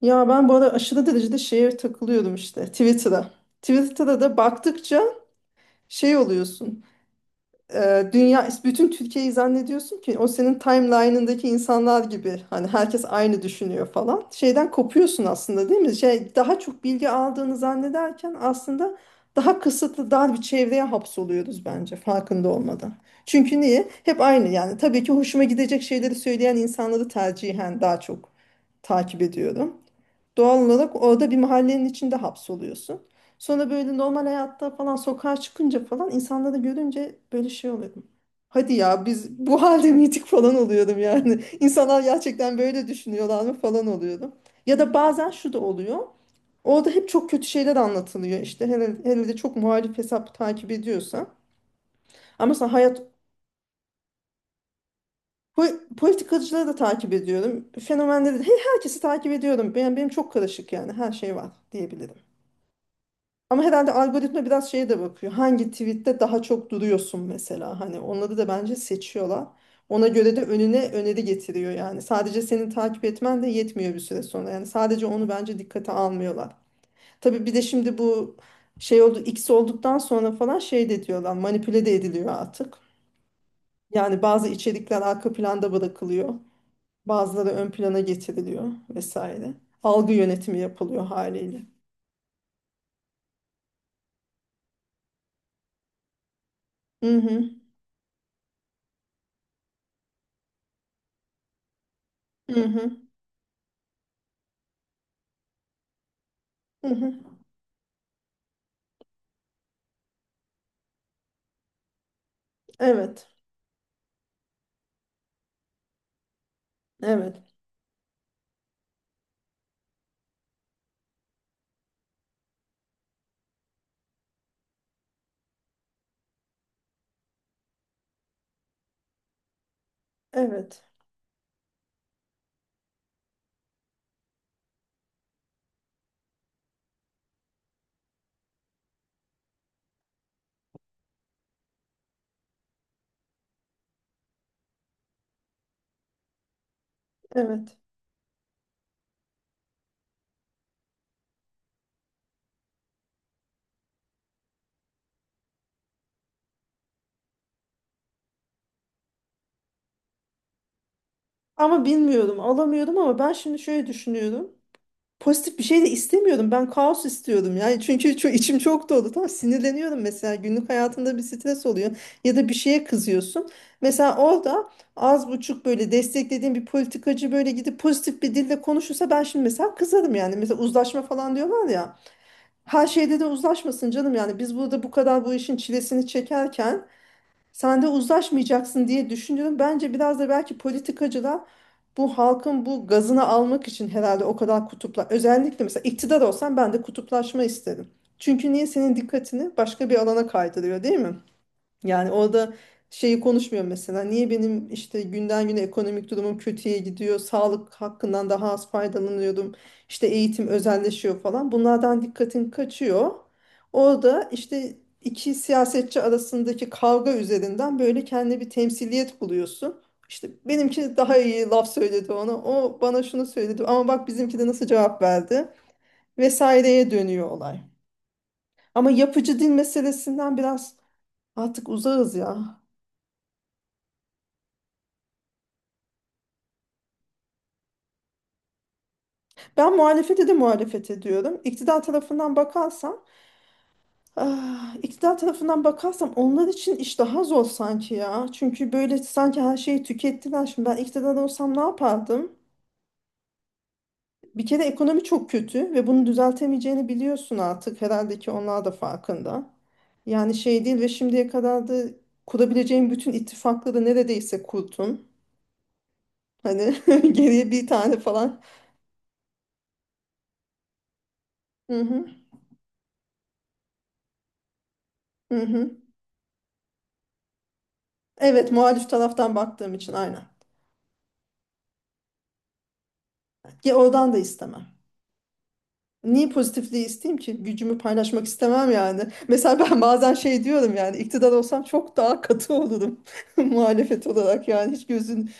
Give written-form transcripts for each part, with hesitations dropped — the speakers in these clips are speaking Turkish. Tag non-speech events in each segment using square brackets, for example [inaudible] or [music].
Ya ben bu ara aşırı derecede şeye takılıyordum işte Twitter'a. Twitter'da da baktıkça şey oluyorsun. Dünya bütün Türkiye'yi zannediyorsun ki o senin timeline'ındaki insanlar gibi hani herkes aynı düşünüyor falan. Şeyden kopuyorsun aslında değil mi? Şey daha çok bilgi aldığını zannederken aslında daha kısıtlı dar bir çevreye hapsoluyoruz bence farkında olmadan. Çünkü niye? Hep aynı yani. Tabii ki hoşuma gidecek şeyleri söyleyen insanları tercihen daha çok takip ediyorum. Doğal olarak orada bir mahallenin içinde hapsoluyorsun. Sonra böyle normal hayatta falan sokağa çıkınca falan insanları görünce böyle şey oluyordum. Hadi ya biz bu halde miydik falan oluyordum yani. [laughs] İnsanlar gerçekten böyle düşünüyorlar mı falan oluyordum. Ya da bazen şu da oluyor. Orada hep çok kötü şeyler anlatılıyor. İşte hele, hele de çok muhalif hesap takip ediyorsan. Ama mesela hayat politikacıları da takip ediyorum. Fenomenleri de herkesi takip ediyorum. Benim çok karışık yani her şey var diyebilirim. Ama herhalde algoritma biraz şeye de bakıyor. Hangi tweette daha çok duruyorsun mesela. Hani onları da bence seçiyorlar. Ona göre de önüne öneri getiriyor yani. Sadece senin takip etmen de yetmiyor bir süre sonra. Yani sadece onu bence dikkate almıyorlar. Tabii bir de şimdi bu şey oldu X olduktan sonra falan şey de diyorlar manipüle de ediliyor artık. Yani bazı içerikler arka planda bırakılıyor. Bazıları ön plana getiriliyor vesaire. Algı yönetimi yapılıyor haliyle. Hı hı. Hı hı. Hı hı. Evet. Evet, evet, evet. Ama bilmiyordum, alamıyordum ama ben şimdi şöyle düşünüyorum. Pozitif bir şey de istemiyordum. Ben kaos istiyordum. Yani çünkü çok, içim çok dolu. Tamam sinirleniyorum mesela. Günlük hayatında bir stres oluyor. Ya da bir şeye kızıyorsun. Mesela orada az buçuk böyle desteklediğim bir politikacı böyle gidip pozitif bir dille konuşursa ben şimdi mesela kızarım yani. Mesela uzlaşma falan diyorlar ya. Her şeyde de uzlaşmasın canım yani. Biz burada bu kadar bu işin çilesini çekerken sen de uzlaşmayacaksın diye düşünüyorum. Bence biraz da belki politikacılar bu halkın bu gazını almak için herhalde o kadar kutupla özellikle mesela iktidar olsam ben de kutuplaşma isterim. Çünkü niye senin dikkatini başka bir alana kaydırıyor değil mi? Yani orada şeyi konuşmuyor mesela. Niye benim işte günden güne ekonomik durumum kötüye gidiyor, sağlık hakkından daha az faydalanıyordum işte eğitim özelleşiyor falan. Bunlardan dikkatin kaçıyor. Orada işte iki siyasetçi arasındaki kavga üzerinden böyle kendi bir temsiliyet buluyorsun. İşte benimki daha iyi laf söyledi ona, o bana şunu söyledi ama bak bizimki de nasıl cevap verdi vesaireye dönüyor olay. Ama yapıcı dil meselesinden biraz artık uzağız ya. Ben muhalefete de muhalefet ediyorum. İktidar tarafından bakarsam onlar için iş daha zor sanki ya. Çünkü böyle sanki her şeyi tükettiler. Şimdi ben iktidar olsam ne yapardım? Bir kere ekonomi çok kötü ve bunu düzeltemeyeceğini biliyorsun artık. Herhalde ki onlar da farkında. Yani şey değil ve şimdiye kadar da kurabileceğin bütün ittifakları neredeyse kurdun. Hani [laughs] geriye bir tane falan. Hı hı, hı hı. Evet muhalif taraftan baktığım için aynen. Ya oradan da istemem. Niye pozitifliği isteyeyim ki? Gücümü paylaşmak istemem yani. Mesela ben bazen şey diyorum yani iktidar olsam çok daha katı olurum [laughs] muhalefet olarak yani hiç gözün...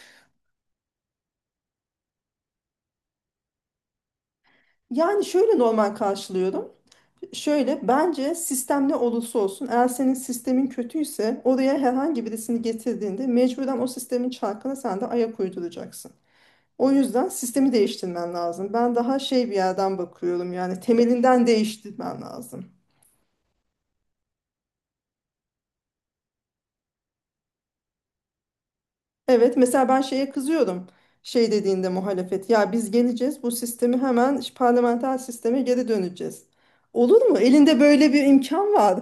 Yani şöyle normal karşılıyorum. Şöyle bence sistem ne olursa olsun eğer senin sistemin kötüyse oraya herhangi birisini getirdiğinde mecburen o sistemin çarkına sen de ayak uyduracaksın. O yüzden sistemi değiştirmen lazım. Ben daha şey bir yerden bakıyorum yani temelinden değiştirmen lazım. Evet mesela ben şeye kızıyorum. Şey dediğinde muhalefet ya biz geleceğiz bu sistemi hemen parlamenter sisteme geri döneceğiz. Olur mu? Elinde böyle bir imkan var.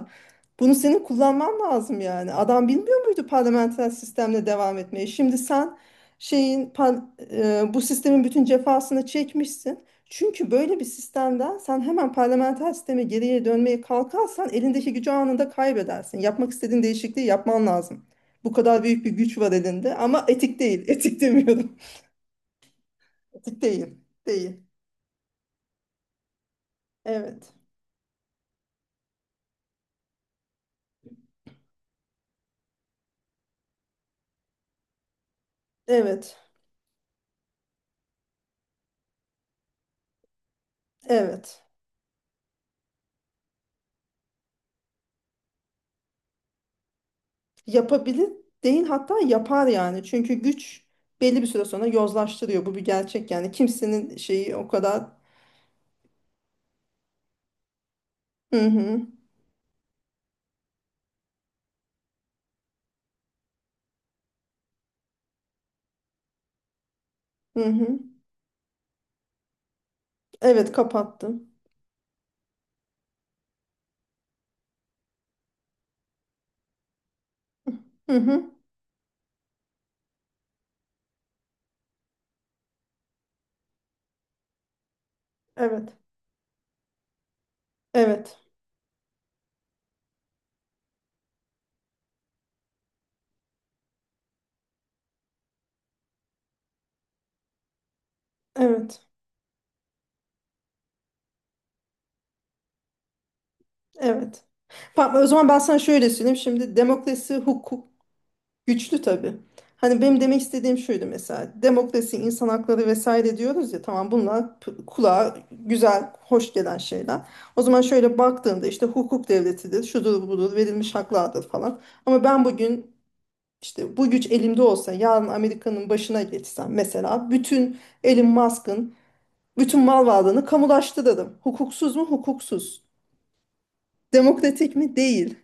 Bunu senin kullanman lazım yani. Adam bilmiyor muydu parlamenter sistemle devam etmeyi? Şimdi sen şeyin par- bu sistemin bütün cefasını çekmişsin. Çünkü böyle bir sistemden sen hemen parlamenter sisteme geriye dönmeye kalkarsan elindeki gücü anında kaybedersin. Yapmak istediğin değişikliği yapman lazım. Bu kadar büyük bir güç var elinde ama etik değil. [laughs] Etik demiyorum. Etik değil. Değil. Evet. Evet. Evet. Yapabilir değil hatta yapar yani. Çünkü güç belli bir süre sonra yozlaştırıyor. Bu bir gerçek yani. Kimsenin şeyi o kadar hı hı hı hı. Evet kapattım. Hı hı. Evet. Evet. Evet. Evet. Tamam, o zaman ben sana şöyle söyleyeyim. Şimdi demokrasi hukuk. Güçlü tabii. Hani benim demek istediğim şuydu mesela demokrasi, insan hakları vesaire diyoruz ya tamam bunlar kulağa güzel, hoş gelen şeyler. O zaman şöyle baktığında işte hukuk devletidir, şudur budur, verilmiş haklardır falan. Ama ben bugün işte bu güç elimde olsa yarın Amerika'nın başına geçsem mesela bütün Elon Musk'ın bütün mal varlığını kamulaştırırım. Hukuksuz mu? Hukuksuz. Demokratik mi? Değil.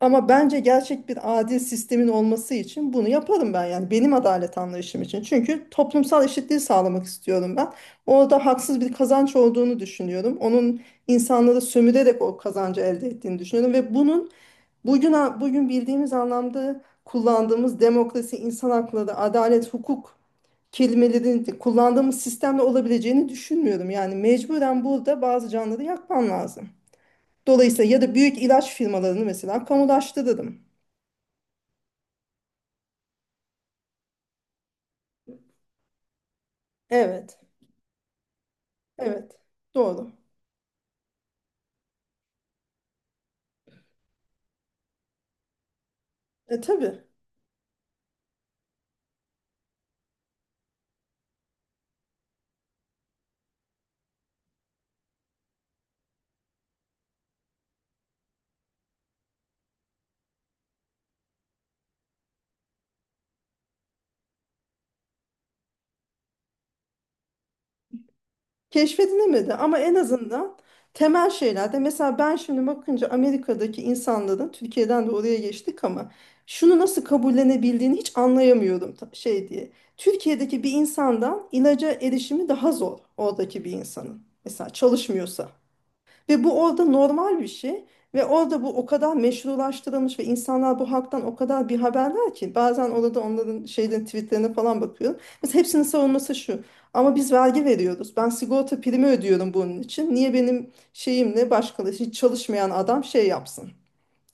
Ama bence gerçek bir adil sistemin olması için bunu yaparım ben yani benim adalet anlayışım için. Çünkü toplumsal eşitliği sağlamak istiyorum ben. Orada haksız bir kazanç olduğunu düşünüyorum. Onun insanları sömürerek o kazancı elde ettiğini düşünüyorum ve bunun bugün bugün bildiğimiz anlamda kullandığımız demokrasi, insan hakları, adalet, hukuk kelimelerini de kullandığımız sistemle olabileceğini düşünmüyorum. Yani mecburen burada bazı canları yakman lazım. Dolayısıyla ya da büyük ilaç firmalarını mesela kamulaştırırım. Evet, evet. Doğru. E tabii. Keşfedilemedi ama en azından temel şeylerde mesela ben şimdi bakınca Amerika'daki insanların Türkiye'den de oraya geçtik ama şunu nasıl kabullenebildiğini hiç anlayamıyorum şey diye. Türkiye'deki bir insandan ilaca erişimi daha zor oradaki bir insanın. Mesela çalışmıyorsa. Ve bu orada normal bir şey ve orada bu o kadar meşrulaştırılmış ve insanlar bu haktan o kadar bir haberler ki bazen orada onların şeyden tweetlerine falan bakıyorum. Mesela hepsinin savunması şu ama biz vergi veriyoruz ben sigorta primi ödüyorum bunun için niye benim şeyimle başkaları hiç çalışmayan adam şey yapsın.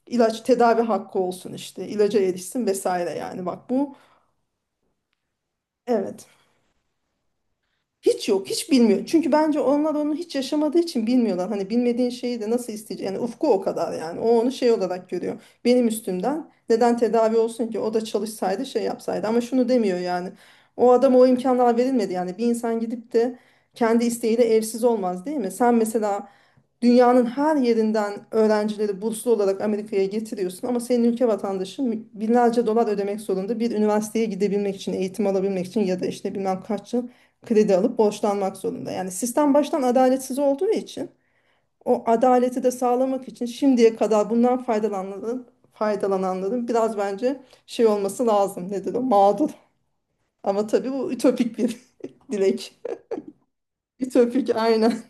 İlaç tedavi hakkı olsun işte ilaca erişsin vesaire yani bak bu evet. Hiç yok, hiç bilmiyor. Çünkü bence onlar onu hiç yaşamadığı için bilmiyorlar. Hani bilmediğin şeyi de nasıl isteyecek? Yani ufku o kadar yani. O onu şey olarak görüyor. Benim üstümden neden tedavi olsun ki? O da çalışsaydı şey yapsaydı. Ama şunu demiyor yani. O adama o imkanlar verilmedi. Yani bir insan gidip de kendi isteğiyle evsiz olmaz değil mi? Sen mesela dünyanın her yerinden öğrencileri burslu olarak Amerika'ya getiriyorsun ama senin ülke vatandaşı binlerce dolar ödemek zorunda bir üniversiteye gidebilmek için, eğitim alabilmek için ya da işte bilmem kaç yıl kredi alıp borçlanmak zorunda. Yani sistem baştan adaletsiz olduğu için o adaleti de sağlamak için şimdiye kadar bundan faydalananların biraz bence şey olması lazım. Nedir o? Mağdur. Ama tabii bu ütopik bir [laughs] dilek. Ütopik aynen.